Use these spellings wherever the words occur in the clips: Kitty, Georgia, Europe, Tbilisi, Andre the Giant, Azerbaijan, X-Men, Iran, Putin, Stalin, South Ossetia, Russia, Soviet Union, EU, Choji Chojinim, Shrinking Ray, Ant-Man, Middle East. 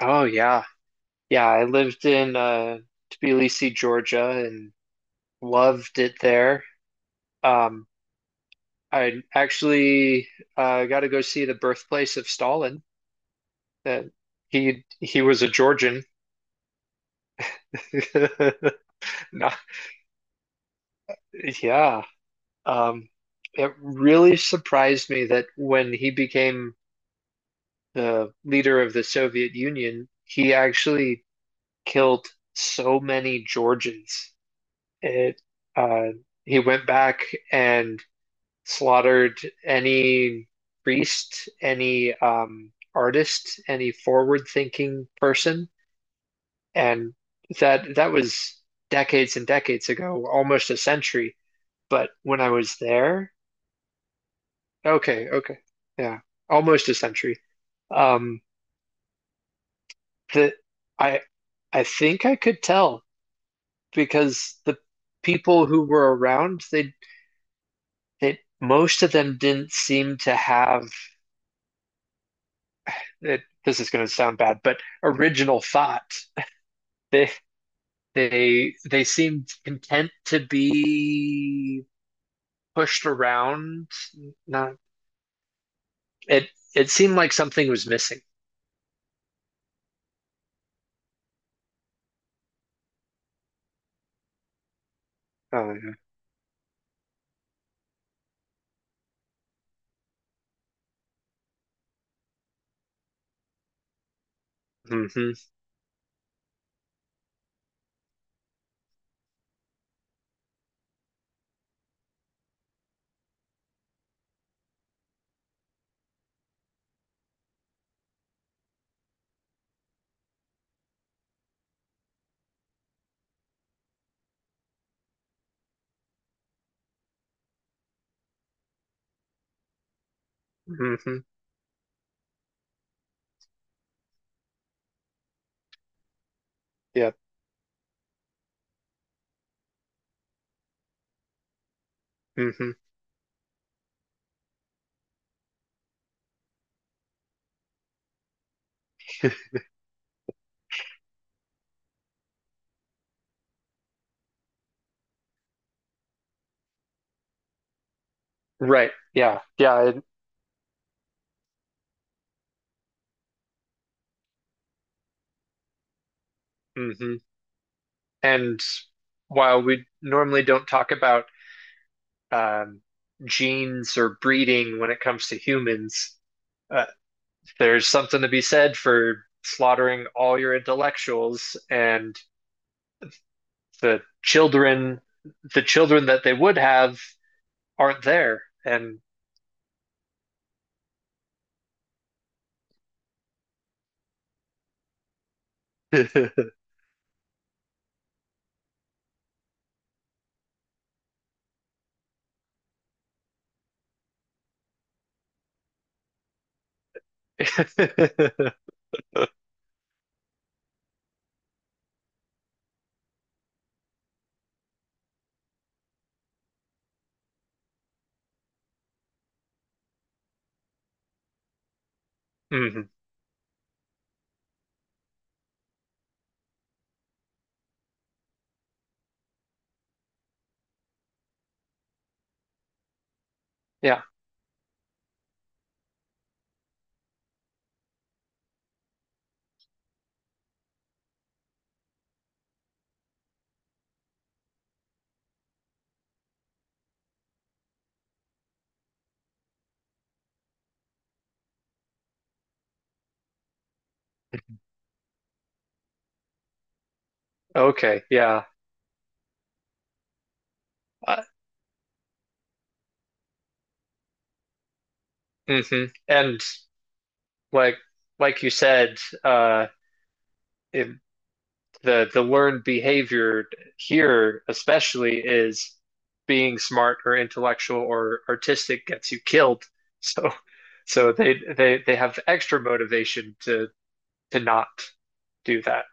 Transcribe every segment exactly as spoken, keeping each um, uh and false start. Oh yeah. Yeah, I lived in uh Tbilisi, Georgia, and loved it there. Um I actually uh got to go see the birthplace of Stalin. That he he was a Georgian. Nah, yeah. Um it really surprised me that when he became the leader of the Soviet Union, he actually killed so many Georgians. It uh he went back and slaughtered any priest, any um, artist, any forward-thinking person, and that that was decades and decades ago, almost a century. But when I was there, okay, okay, yeah, almost a century. Um, that I I think I could tell because the people who were around, they they most of them didn't seem to have it, this is going to sound bad, but original thought. They they they seemed content to be pushed around. Not it it seemed like something was missing. Oh yeah. Mm-hmm. Mm-hmm. Yep. Mm-hmm. Right. Yeah. Yeah. it- mhm. And while we normally don't talk about um, genes or breeding when it comes to humans, uh, there's something to be said for slaughtering all your intellectuals, and the children the children that they would have aren't there, and mhm. Yeah, okay, yeah, uh, mhm. And like like you said, uh it, the the learned behavior here especially is being smart or intellectual or artistic gets you killed. so so they they they have extra motivation to to not do that.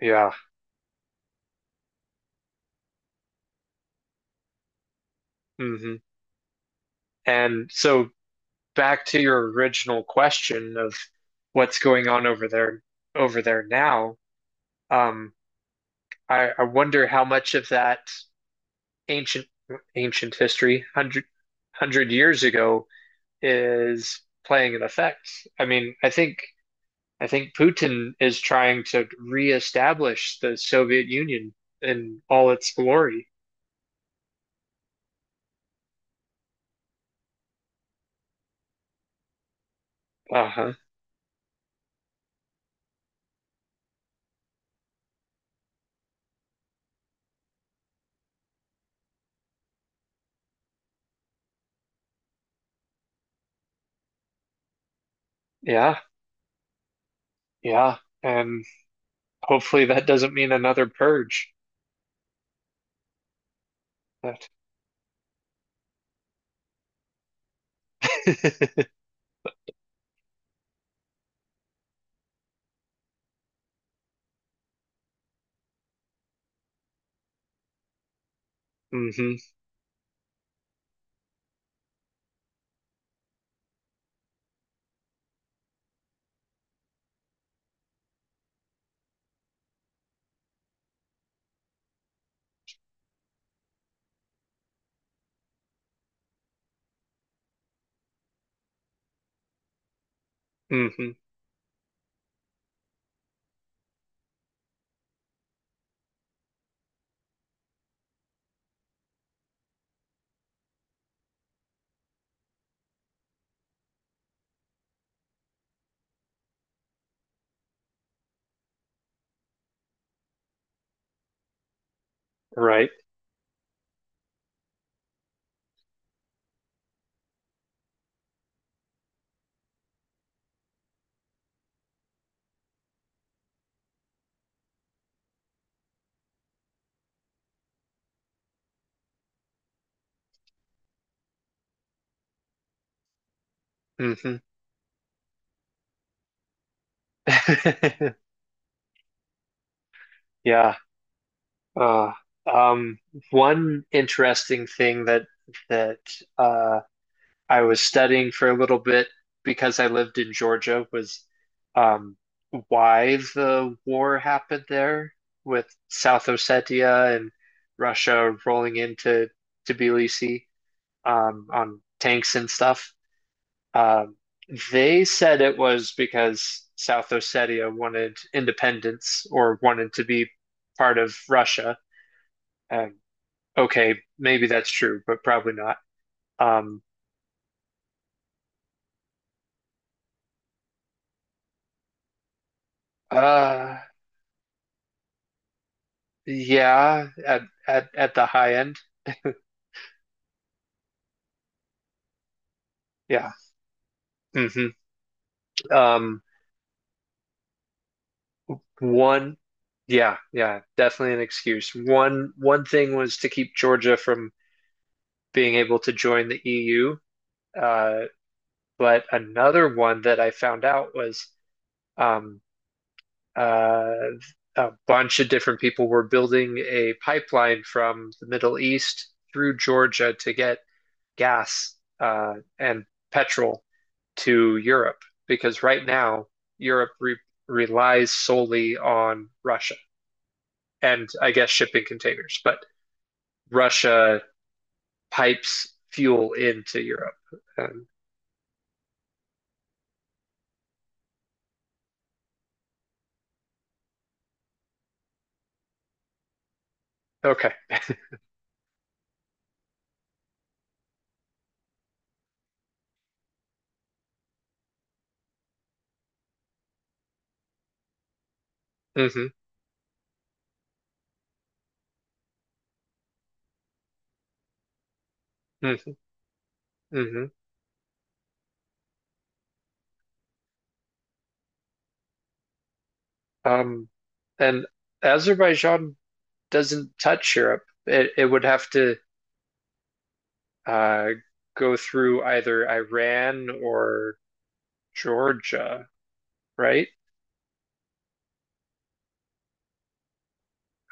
Yeah. Hmm. And so back to your original question of what's going on over there, over there now, um I, I wonder how much of that ancient ancient history hundred hundred years ago is playing an effect. I mean, I think I think Putin is trying to reestablish the Soviet Union in all its glory. Uh-huh. Yeah. Yeah. And hopefully that doesn't mean another purge. But. Mm-hmm. Mm-hmm. Right. Mm-hmm. yeah. Uh, um, one interesting thing that that uh, I was studying for a little bit because I lived in Georgia was um, why the war happened there with South Ossetia and Russia rolling into Tbilisi, um, on tanks and stuff. Um, they said it was because South Ossetia wanted independence or wanted to be part of Russia. And okay, maybe that's true, but probably not. Um, uh, Yeah, at at at the high end. Yeah. Hmm. Um, one, yeah, yeah, definitely an excuse. One one thing was to keep Georgia from being able to join the E U. Uh, but another one that I found out was um, uh, a bunch of different people were building a pipeline from the Middle East through Georgia to get gas uh, and petrol to Europe, because right now Europe re relies solely on Russia and, I guess, shipping containers, but Russia pipes fuel into Europe. Um, okay. Hmm. Hmm. Hmm. Um, and Azerbaijan doesn't touch Europe. It, it would have to uh, go through either Iran or Georgia, right?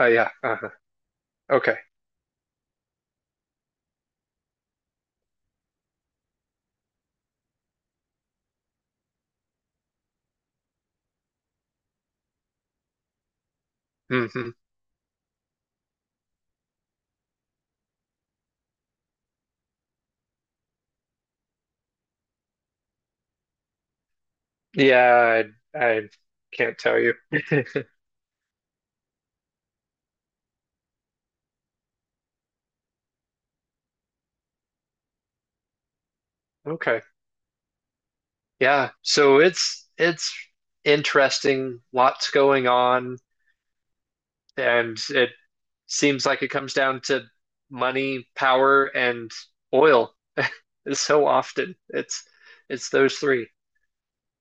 Oh, yeah. Uh-huh. Okay. Hmm. Yeah, I, I can't tell you. Okay. Yeah. So it's it's interesting, lots going on, and it seems like it comes down to money, power, and oil. So often it's it's those three.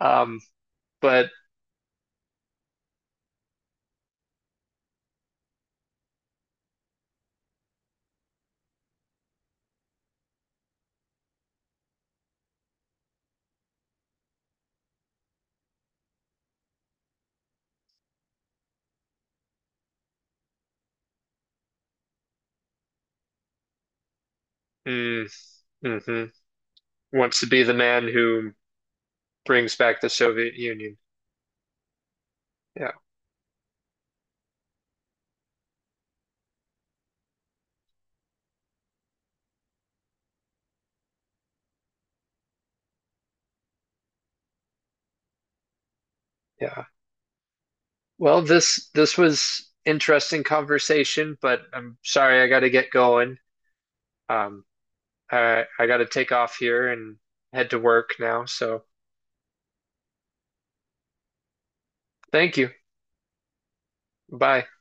Um, but mm, hmm. Wants to be the man who brings back the Soviet Union. Yeah. Yeah. Well, this this was interesting conversation, but I'm sorry I got to get going. Um, I I got to take off here and head to work now. So thank you. Bye.